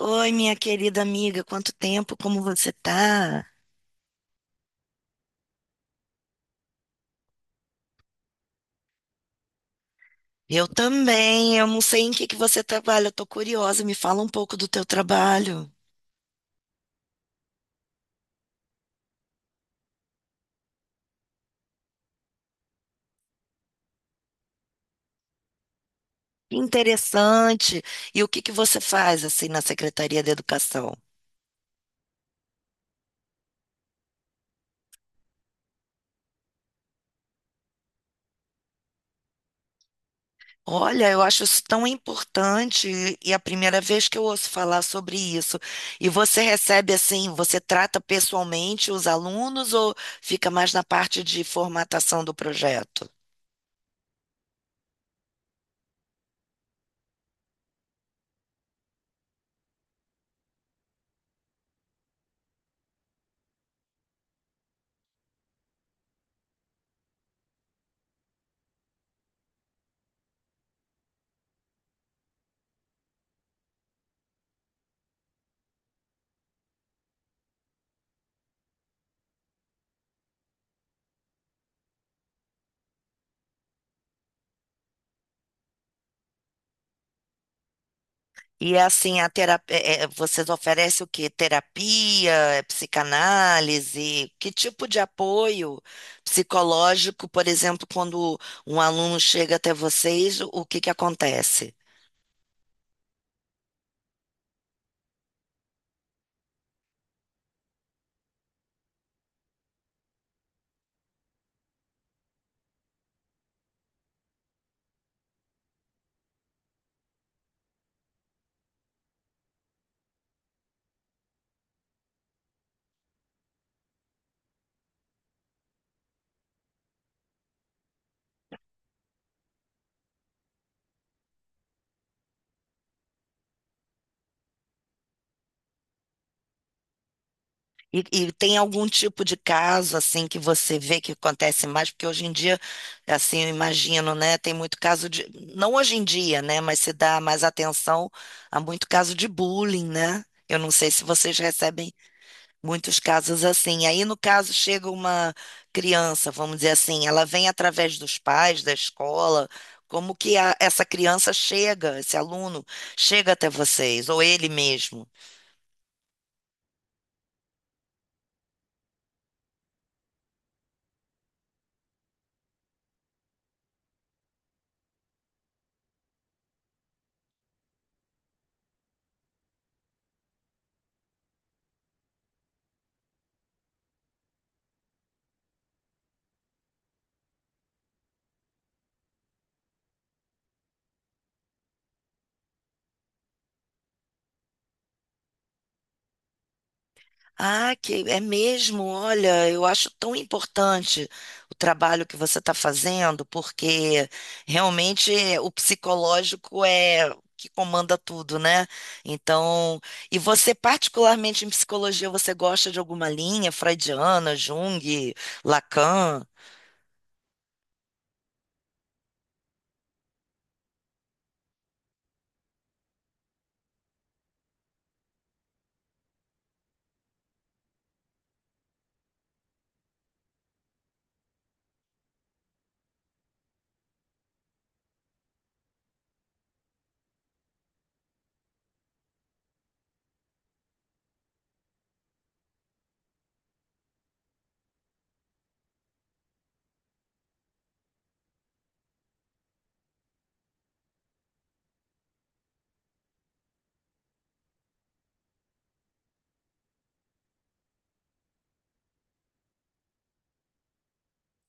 Oi, minha querida amiga, quanto tempo, como você tá? Eu também, eu não sei em que você trabalha, eu tô curiosa, me fala um pouco do teu trabalho. Que interessante. E o que que você faz assim na Secretaria da Educação? Olha, eu acho isso tão importante e é a primeira vez que eu ouço falar sobre isso. E você recebe assim, você trata pessoalmente os alunos ou fica mais na parte de formatação do projeto? E é assim, a terapia, vocês oferecem o quê? Terapia, é, psicanálise? Que tipo de apoio psicológico, por exemplo, quando um aluno chega até vocês, o que que acontece? E tem algum tipo de caso assim que você vê que acontece mais? Porque hoje em dia, assim, eu imagino, né? Tem muito caso de, não hoje em dia, né? Mas se dá mais atenção a muito caso de bullying, né? Eu não sei se vocês recebem muitos casos assim. Aí, no caso, chega uma criança, vamos dizer assim, ela vem através dos pais, da escola. Como que essa criança chega, esse aluno chega até vocês, ou ele mesmo? Ah, que é mesmo, olha, eu acho tão importante o trabalho que você está fazendo, porque realmente é, o psicológico é o que comanda tudo, né? Então, e você, particularmente em psicologia, você gosta de alguma linha freudiana, Jung, Lacan?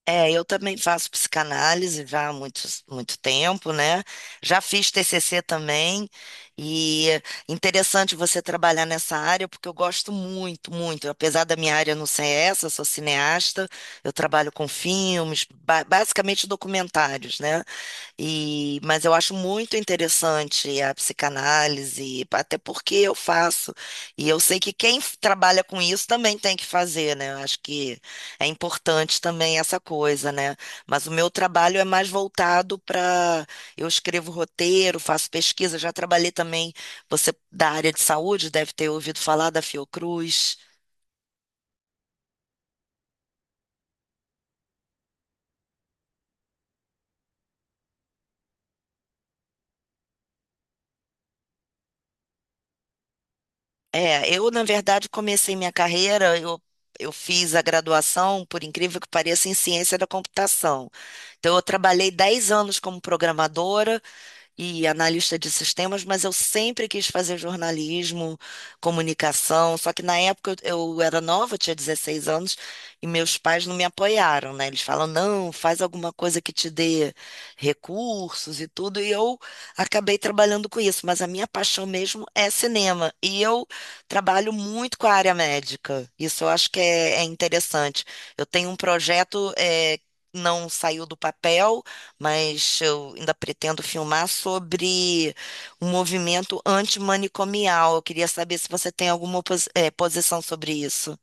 É, eu também faço psicanálise já há muito, muito tempo, né? Já fiz TCC também, e é interessante você trabalhar nessa área, porque eu gosto muito, muito. Apesar da minha área não ser essa, eu sou cineasta, eu trabalho com filmes, basicamente documentários, né? E, mas eu acho muito interessante a psicanálise, até porque eu faço. E eu sei que quem trabalha com isso também tem que fazer, né? Eu acho que é importante também essa coisa, né? Mas o meu trabalho é mais voltado para. Eu escrevo roteiro, faço pesquisa, já trabalhei também. Você da área de saúde deve ter ouvido falar da Fiocruz. É, eu, na verdade, comecei minha carreira, eu fiz a graduação, por incrível que pareça, em ciência da computação. Então, eu trabalhei 10 anos como programadora, e analista de sistemas, mas eu sempre quis fazer jornalismo, comunicação. Só que na época eu era nova, eu tinha 16 anos, e meus pais não me apoiaram, né? Eles falam, não, faz alguma coisa que te dê recursos e tudo. E eu acabei trabalhando com isso, mas a minha paixão mesmo é cinema. E eu trabalho muito com a área médica. Isso eu acho que é, é interessante. Eu tenho um projeto. Não saiu do papel, mas eu ainda pretendo filmar sobre um movimento antimanicomial. Eu queria saber se você tem alguma posição sobre isso.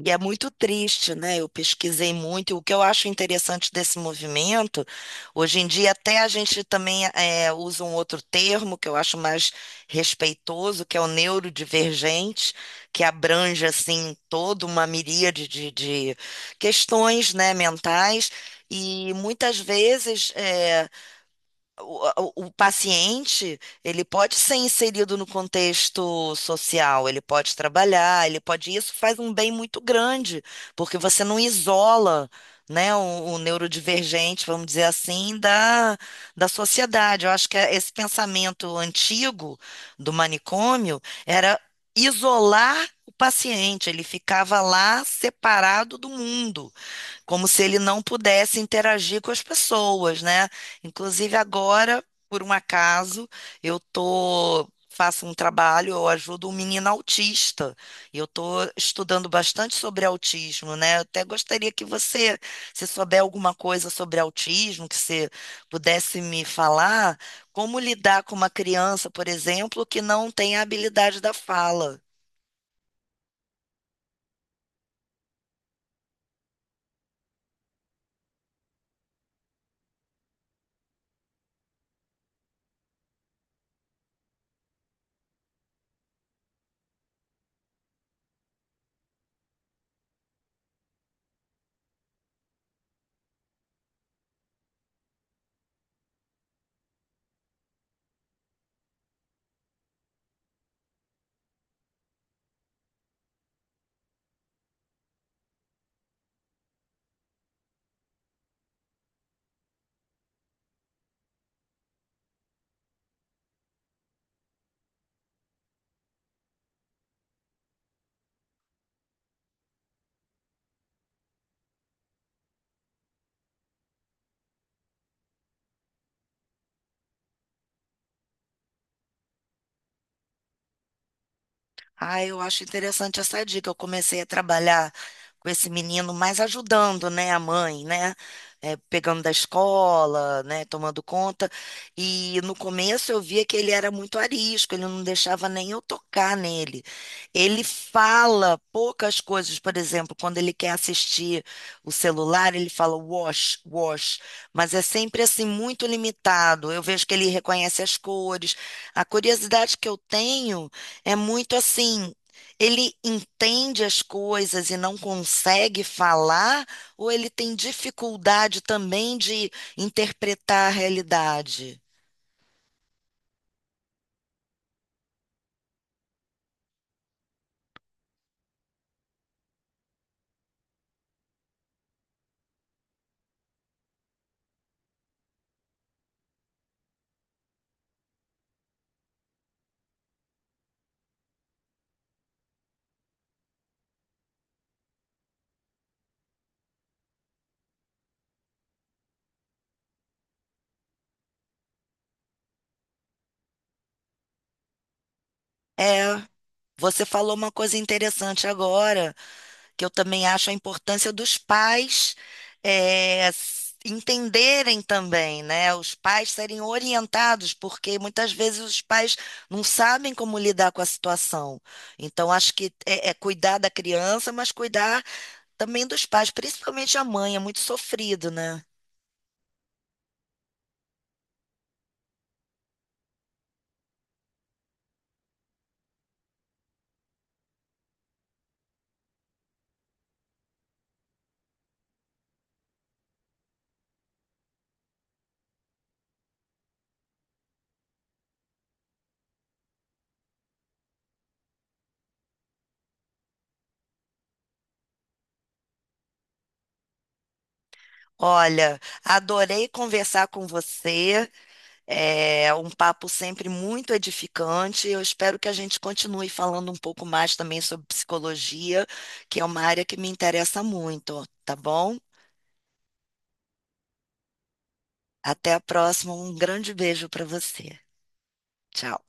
E é muito triste, né? Eu pesquisei muito. E o que eu acho interessante desse movimento, hoje em dia, até a gente também usa um outro termo que eu acho mais respeitoso, que é o neurodivergente, que abrange, assim, toda uma miríade de questões, né, mentais. E muitas vezes. O paciente, ele pode ser inserido no contexto social, ele pode trabalhar, ele pode, isso faz um bem muito grande, porque você não isola, né, o neurodivergente, vamos dizer assim, da sociedade. Eu acho que esse pensamento antigo do manicômio era isolar o paciente, ele ficava lá separado do mundo como se ele não pudesse interagir com as pessoas, né? Inclusive agora, por um acaso, eu tô faço um trabalho, eu ajudo um menino autista. E eu tô estudando bastante sobre autismo, né? Eu até gostaria que você, se souber alguma coisa sobre autismo, que você pudesse me falar, como lidar com uma criança, por exemplo, que não tem a habilidade da fala. Ah, eu acho interessante essa dica. Eu comecei a trabalhar com esse menino, mas ajudando, né, a mãe, né, é, pegando da escola, né, tomando conta. E no começo eu via que ele era muito arisco, ele não deixava nem eu tocar nele. Ele fala poucas coisas, por exemplo, quando ele quer assistir o celular, ele fala wash, wash, mas é sempre assim muito limitado. Eu vejo que ele reconhece as cores. A curiosidade que eu tenho é muito assim, ele entende as coisas e não consegue falar, ou ele tem dificuldade também de interpretar a realidade? É, você falou uma coisa interessante agora, que eu também acho a importância dos pais é, entenderem também, né? Os pais serem orientados, porque muitas vezes os pais não sabem como lidar com a situação. Então, acho que é, é cuidar da criança, mas cuidar também dos pais, principalmente a mãe, é muito sofrido, né? Olha, adorei conversar com você. É um papo sempre muito edificante. Eu espero que a gente continue falando um pouco mais também sobre psicologia, que é uma área que me interessa muito, tá bom? Até a próxima. Um grande beijo para você. Tchau.